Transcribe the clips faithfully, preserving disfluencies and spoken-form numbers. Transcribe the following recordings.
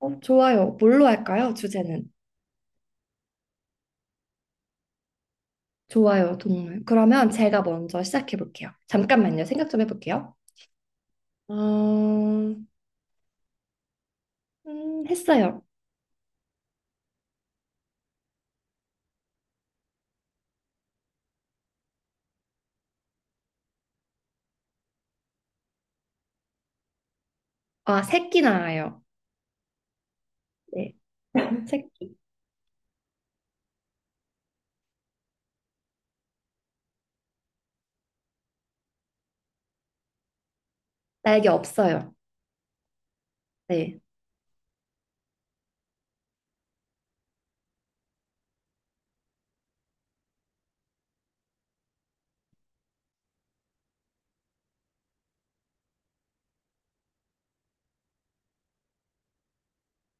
어, 좋아요. 뭘로 할까요? 주제는. 좋아요, 동물. 그러면 제가 먼저 시작해 볼게요. 잠깐만요. 생각 좀 해볼게요. 어, 음, 했어요. 아, 새끼 나와요. 네. 새끼. 날개 없어요. 네.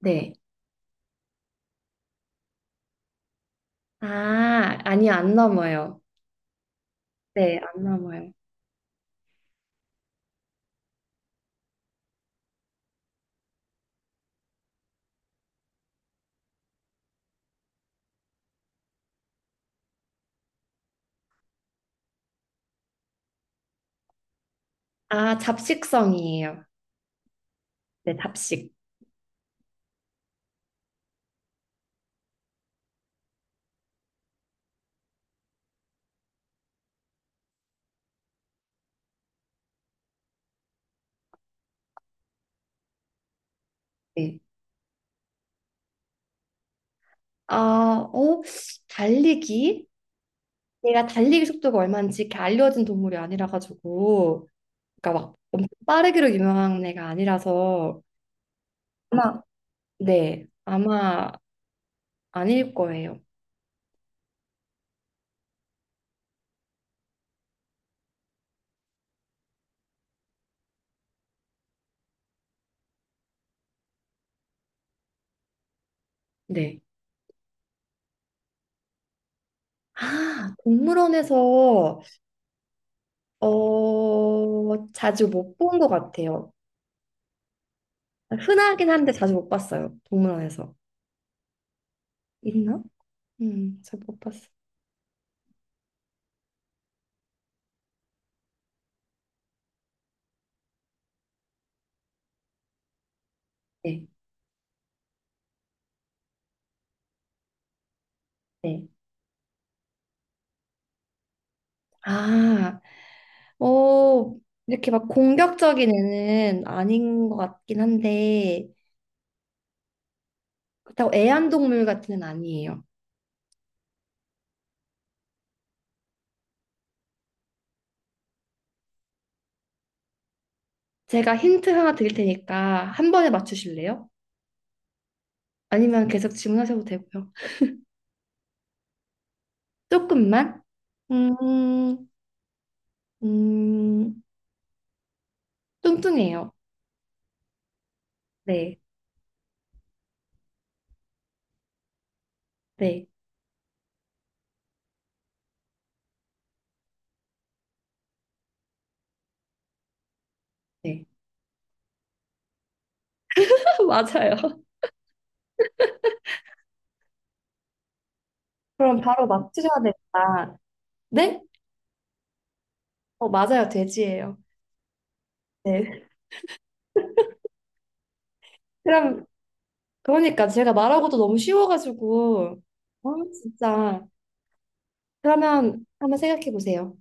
네. 아, 아니요, 안 넘어요. 네, 안 넘어요. 아, 잡식성이에요. 네, 잡식. 네. 아, 어, 달리기? 얘가 달리기 속도가 얼마인지 이렇게 알려진 동물이 아니라 가지고. 그러니까 막 엄청 빠르기로 유명한 애가 아니라서 아마 네 아마 아닐 거예요. 네. 아 동물원에서 어 자주 못 본 것 같아요. 흔하긴 한데 자주 못 봤어요. 동물원에서 있나? 음, 잘 못 봤어요. 네. 네. 아, 어 이렇게 막 공격적인 애는 아닌 것 같긴 한데 그렇다고 애완동물 같은 애는 아니에요. 제가 힌트 하나 드릴 테니까 한 번에 맞추실래요? 아니면 계속 질문하셔도 되고요. 조금만? 음, 음, 뚱뚱해요. 네, 네, 네. 맞아요. 그럼 바로 맞추셔야 됩니다. 네? 어, 맞아요. 돼지예요. 네. 그럼, 그러니까 제가 말하고도 너무 쉬워가지고, 어, 진짜. 그러면 한번 생각해 보세요.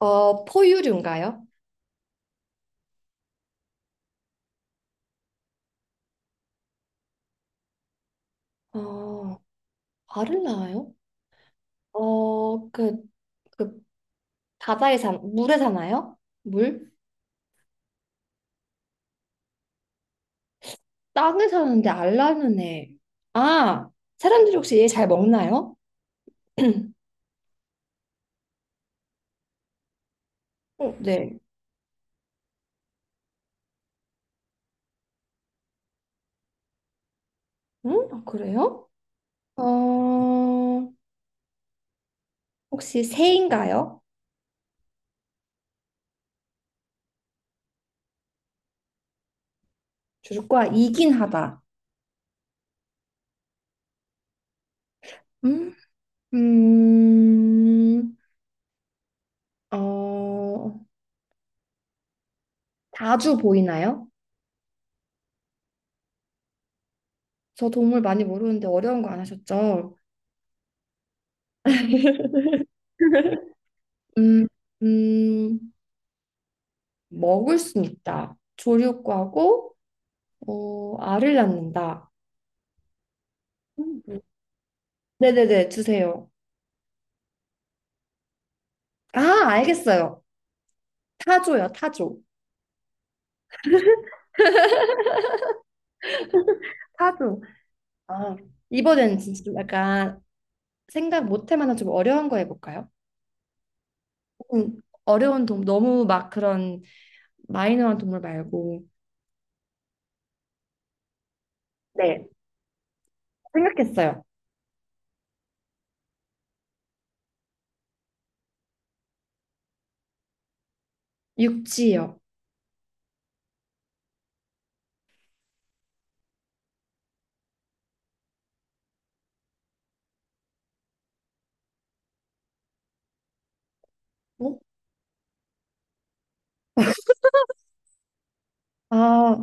어, 포유류인가요? 어, 알을 낳아요? 어, 그, 그 바다에 사, 물에 사나요? 물? 땅에 사는데 알라는 애. 아, 사람들이 혹시 얘 잘 먹나요? 어, 네. 응? 아, 그래요? 어, 혹시 새인가요? 줄과 이긴 하다. 음, 음, 어, 자주 보이나요? 저 동물 많이 모르는데 어려운 거 안 하셨죠? 음, 음, 먹을 수 있다. 조류과고, 어, 알을 낳는다. 음. 네네네, 주세요. 아, 알겠어요. 타조요, 타조. 타조. 아, 이번엔 진짜 좀 약간 생각 못할 만한 좀 어려운 거 해볼까요? 음, 어려운 동물, 너무 막 그런 마이너한 동물 말고. 네, 생각했어요. 육지요. 어? 아,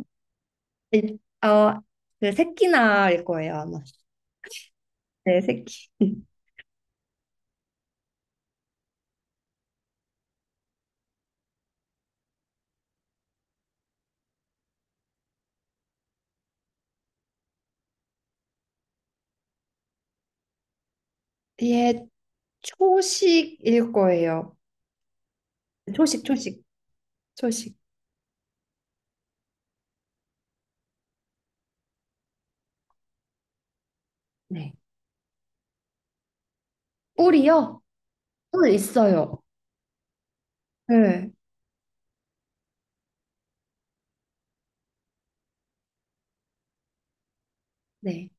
네. 어, 네, 새끼나일 거예요, 아마. 네, 새끼. 얘 초식일 거예요. 초식, 초식, 초식. 네. 뿔이요? 뿔 있어요. 네. 네.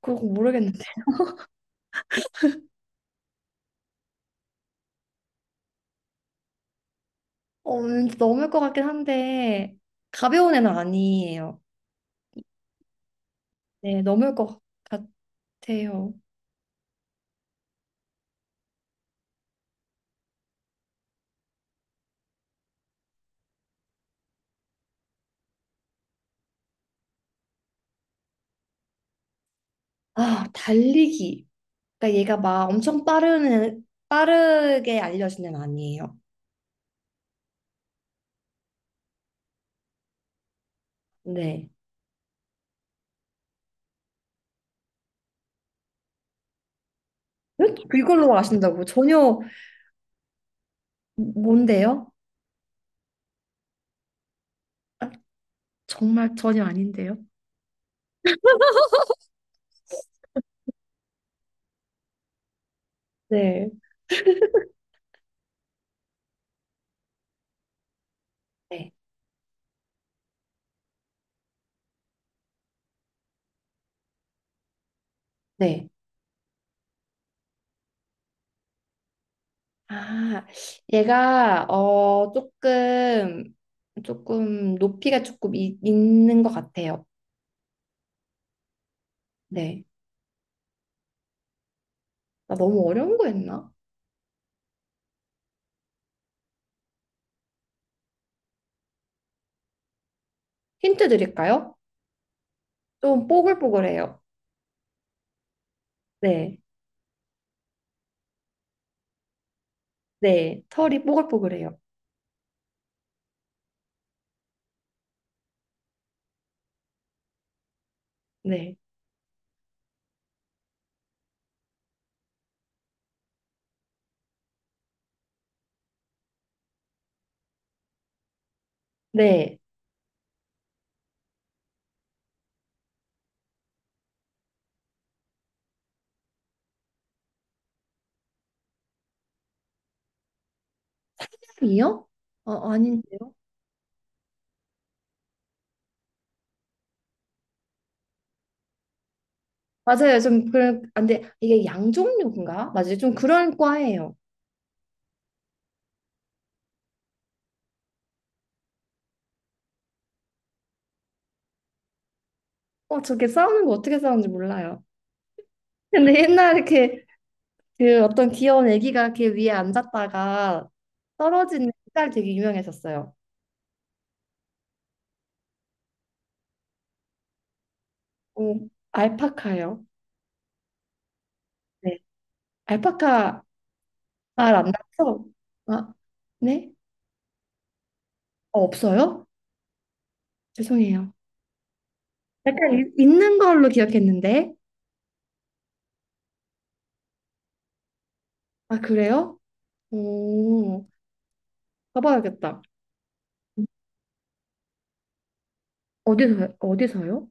그거 모르겠는데. 어, 왠지 넘을 것 같긴 한데, 가벼운 애는 아니에요. 네, 넘을 것 같아요. 아, 달리기. 그러니까 얘가 막 엄청 빠른, 애- 빠르게 알려진 애는 아니에요. 네. 왜 이걸로 아신다고? 전혀, 뭔데요? 아, 정말 전혀 아닌데요? 네. 네. 네. 아, 얘가, 어, 조금, 조금, 높이가 조금 이- 있는 것 같아요. 네. 나 너무 어려운 거 했나? 힌트 드릴까요? 좀 뽀글뽀글해요. 네. 네. 털이 뽀글뽀글해요. 네. 네. 탑이요? 어, 아닌데요? 맞아요. 좀 그런 안 돼. 이게 양종류인가? 맞아요. 좀 그런 과예요. 어, 저게 싸우는 거 어떻게 싸우는지 몰라요. 근데 옛날에 이렇게 그 어떤 귀여운 애기가 이렇게 위에 앉았다가 떨어지는 딸 되게 유명했었어요. 오, 알파카요. 네. 알파카 알 안 낳죠? 아, 네? 어, 없어요? 죄송해요. 약간 이- 있는 걸로 기억했는데. 아, 그래요? 오, 가봐야겠다. 어디서, 어디서요?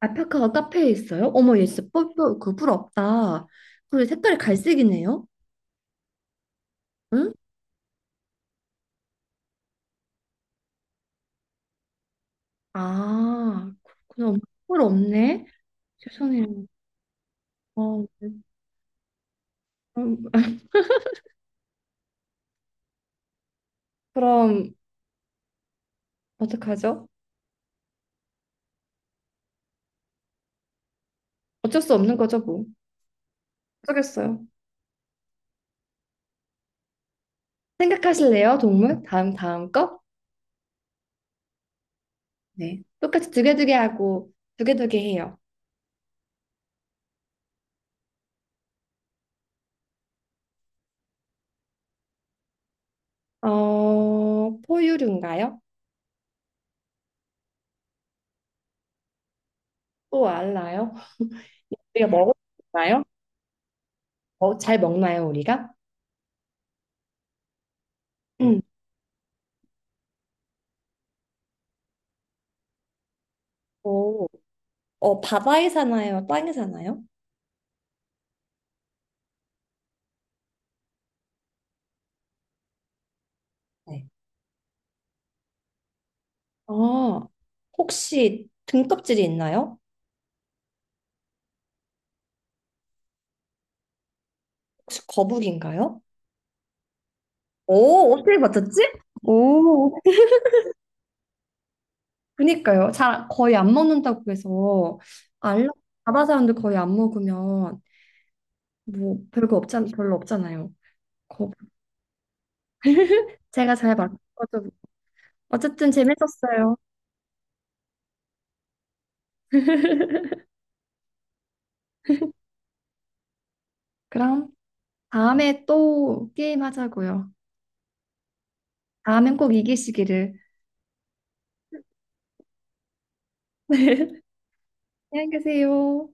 알파카가 카페에 있어요? 어머, 얘 진짜 뿔, 뿔, 그 부럽다. 그리고 색깔이 갈색이네요? 응? 아, 그렇구나. 어머, 뿔 없네? 죄송해요. 어, 네. 그럼, 그럼 어떡하죠? 어쩔 수 없는 거죠, 뭐. 어쩌겠어요. 생각하실래요, 동물? 다음, 다음 거? 네. 똑같이 두개 두개 하고, 두개 두개 해요. 어, 포유류인가요? 또 알나요? 우리가 먹을까요? 어, 잘 먹나요, 우리가? 음. 오, 어, 바다에 사나요? 땅에 사나요? 네. 아, 혹시 등껍질이 있나요? 혹시 거북인가요? 오, 어떻게 맞췄지? 오, 그니까요. 잘 거의 안 먹는다고 해서 알라 바다 사람들 거의 안 먹으면 뭐 별거 없잖 별로 없잖아요. 거북. 제가 잘 맞춰서 어쨌든 재밌었어요. 그럼. 다음에 또 게임 하자고요. 다음엔 꼭 이기시기를. 네. 안녕히 계세요.